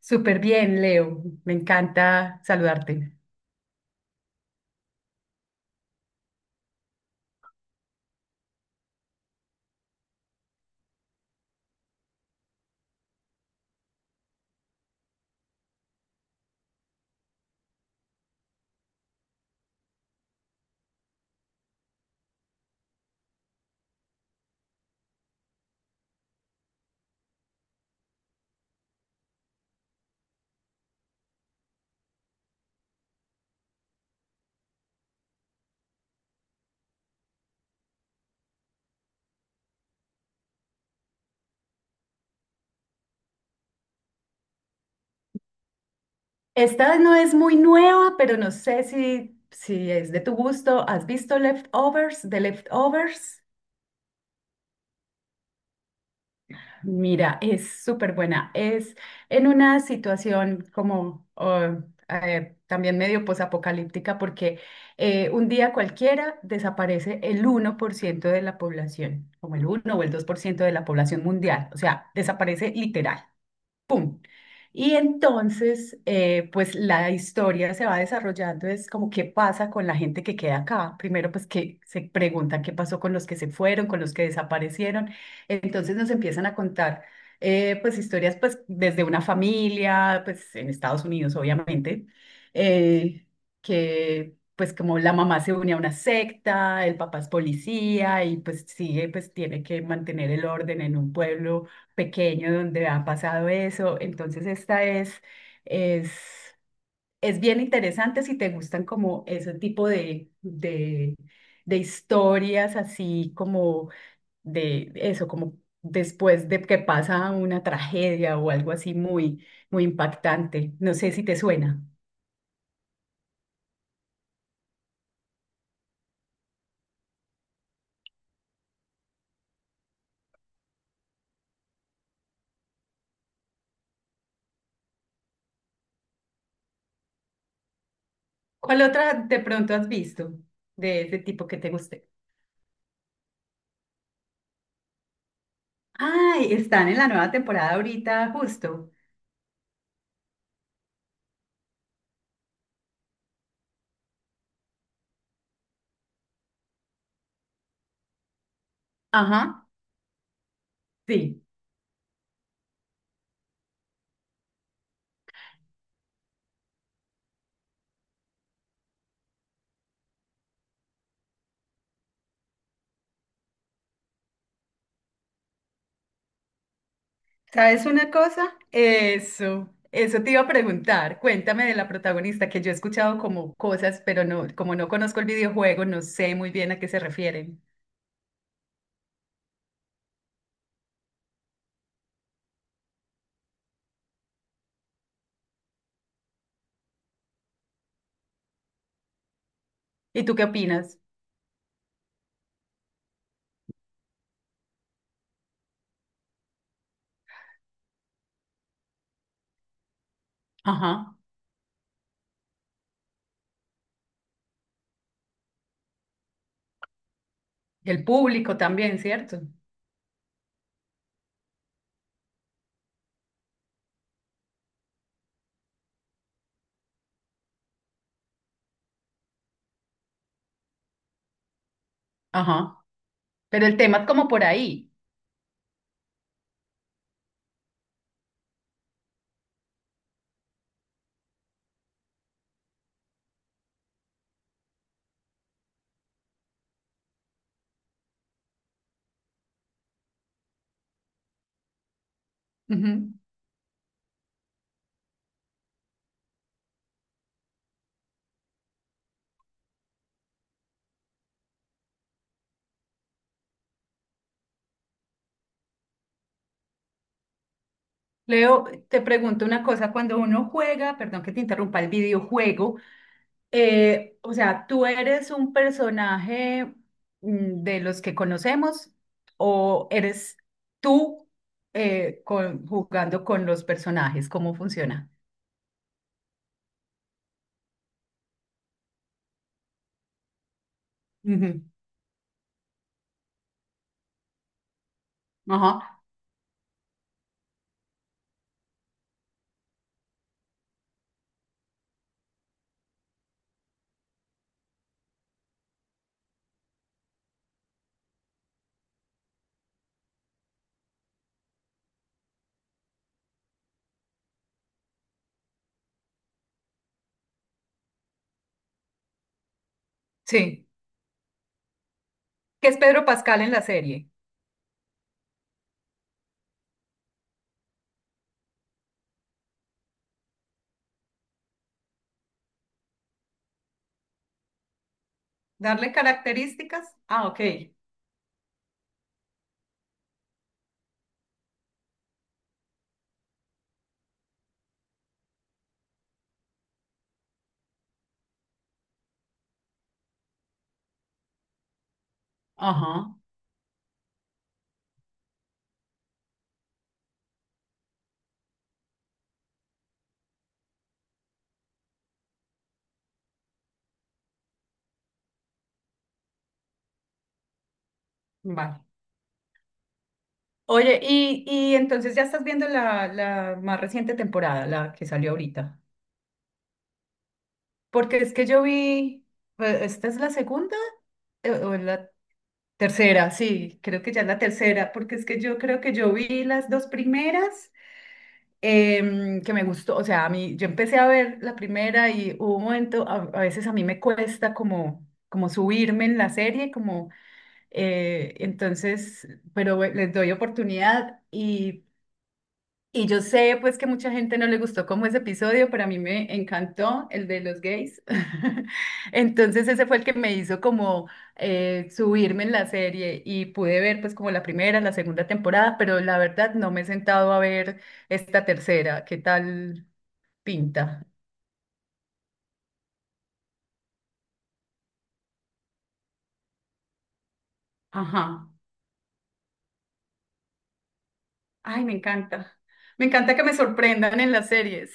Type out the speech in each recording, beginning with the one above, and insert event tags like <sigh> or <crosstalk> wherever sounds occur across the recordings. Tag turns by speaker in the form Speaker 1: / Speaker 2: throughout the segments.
Speaker 1: Súper bien, Leo. Me encanta saludarte. Esta no es muy nueva, pero no sé si es de tu gusto. ¿Has visto Leftovers, de Leftovers? Mira, es súper buena. Es en una situación como también medio posapocalíptica porque un día cualquiera desaparece el 1% de la población, como el uno o el 2% de la población mundial. O sea, desaparece literal. ¡Pum! Y entonces, pues la historia se va desarrollando, es como qué pasa con la gente que queda acá. Primero, pues que se preguntan qué pasó con los que se fueron, con los que desaparecieron. Entonces nos empiezan a contar, pues historias, pues desde una familia, pues en Estados Unidos, obviamente, eh, que pues como la mamá se une a una secta, el papá es policía y pues sigue, pues tiene que mantener el orden en un pueblo pequeño donde ha pasado eso. Entonces, es, es bien interesante si te gustan como ese tipo de historias, así como de eso, como después de que pasa una tragedia o algo así muy, muy impactante. No sé si te suena. ¿Cuál otra de pronto has visto de este tipo que te guste? Ay, están en la nueva temporada ahorita, justo. Ajá, sí. ¿Sabes una cosa? Eso te iba a preguntar. Cuéntame de la protagonista, que yo he escuchado como cosas, pero no, como no conozco el videojuego, no sé muy bien a qué se refieren. ¿Y tú qué opinas? Ajá. El público también, ¿cierto? Ajá. Pero el tema es como por ahí. Ujú. Leo, te pregunto una cosa. Cuando uno juega, perdón que te interrumpa, el videojuego. O sea, ¿tú eres un personaje de los que conocemos o eres tú jugando con los personajes? ¿Cómo funciona? Ujú. Ajá, sí. ¿Qué es Pedro Pascal en la serie? ¿Darle características? Ah, ok. Ajá, vale. Oye, y entonces ya estás viendo la más reciente temporada, la que salió ahorita. Porque es que yo vi, pues, ¿esta es la segunda? O es la tercera, sí, creo que ya es la tercera, porque es que yo creo que yo vi las dos primeras, que me gustó, o sea, a mí, yo empecé a ver la primera y hubo un momento, a veces a mí me cuesta como, como subirme en la serie, como, eh, entonces, pero bueno, les doy oportunidad y yo sé pues que mucha gente no le gustó como ese episodio, pero a mí me encantó el de los gays. <laughs> Entonces ese fue el que me hizo como subirme en la serie y pude ver pues como la primera, la segunda temporada, pero la verdad no me he sentado a ver esta tercera. ¿Qué tal pinta? Ajá. Ay, me encanta. Me encanta que me sorprendan en las series.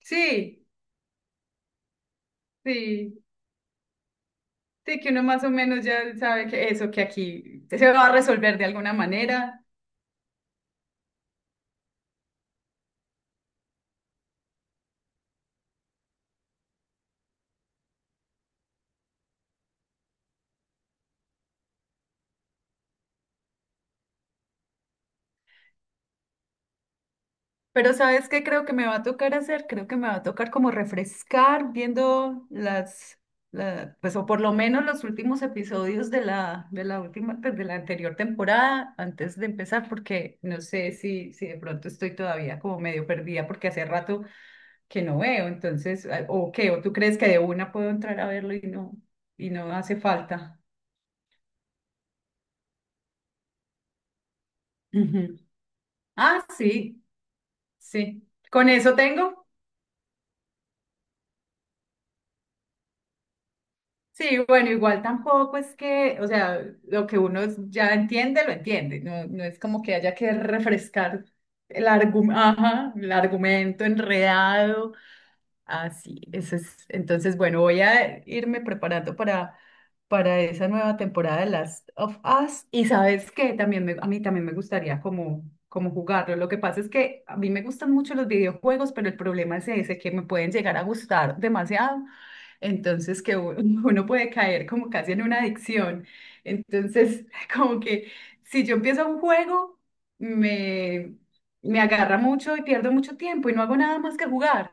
Speaker 1: Sí, sí. Sí, que uno más o menos ya sabe que eso, que aquí se va a resolver de alguna manera. Pero ¿sabes qué creo que me va a tocar hacer? Creo que me va a tocar como refrescar viendo pues o por lo menos los últimos episodios de de la última, pues, de la anterior temporada antes de empezar, porque no sé si de pronto estoy todavía como medio perdida porque hace rato que no veo, entonces, ah, o qué, o tú crees que de una puedo entrar a verlo y no hace falta. Ujú. Ah, sí, sí. Con eso tengo. Sí, bueno, igual tampoco es que, o sea, lo que uno ya entiende, lo entiende. No, no es como que haya que refrescar el, ajá, el argumento enredado. Así, sí, eso es. Entonces, bueno, voy a irme preparando para esa nueva temporada de Last of Us. Y sabes que también a mí también me gustaría como, como jugarlo. Lo que pasa es que a mí me gustan mucho los videojuegos, pero el problema es ese, que me pueden llegar a gustar demasiado. Entonces, que <laughs> uno puede caer como casi en una adicción. Entonces, <laughs> como que si yo empiezo un juego, me, me agarra mucho y pierdo mucho tiempo y no hago nada más que jugar.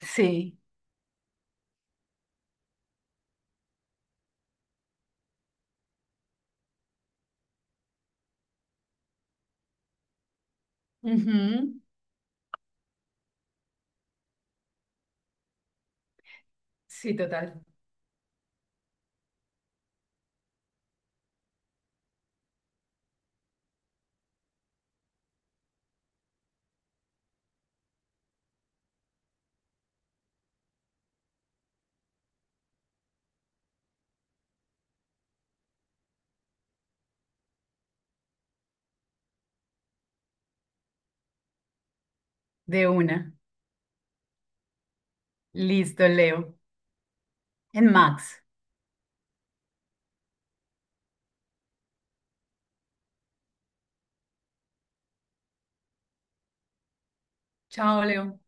Speaker 1: Sí, ujú. Sí, total. De una. Listo, Leo. En Max. Chao, Leo.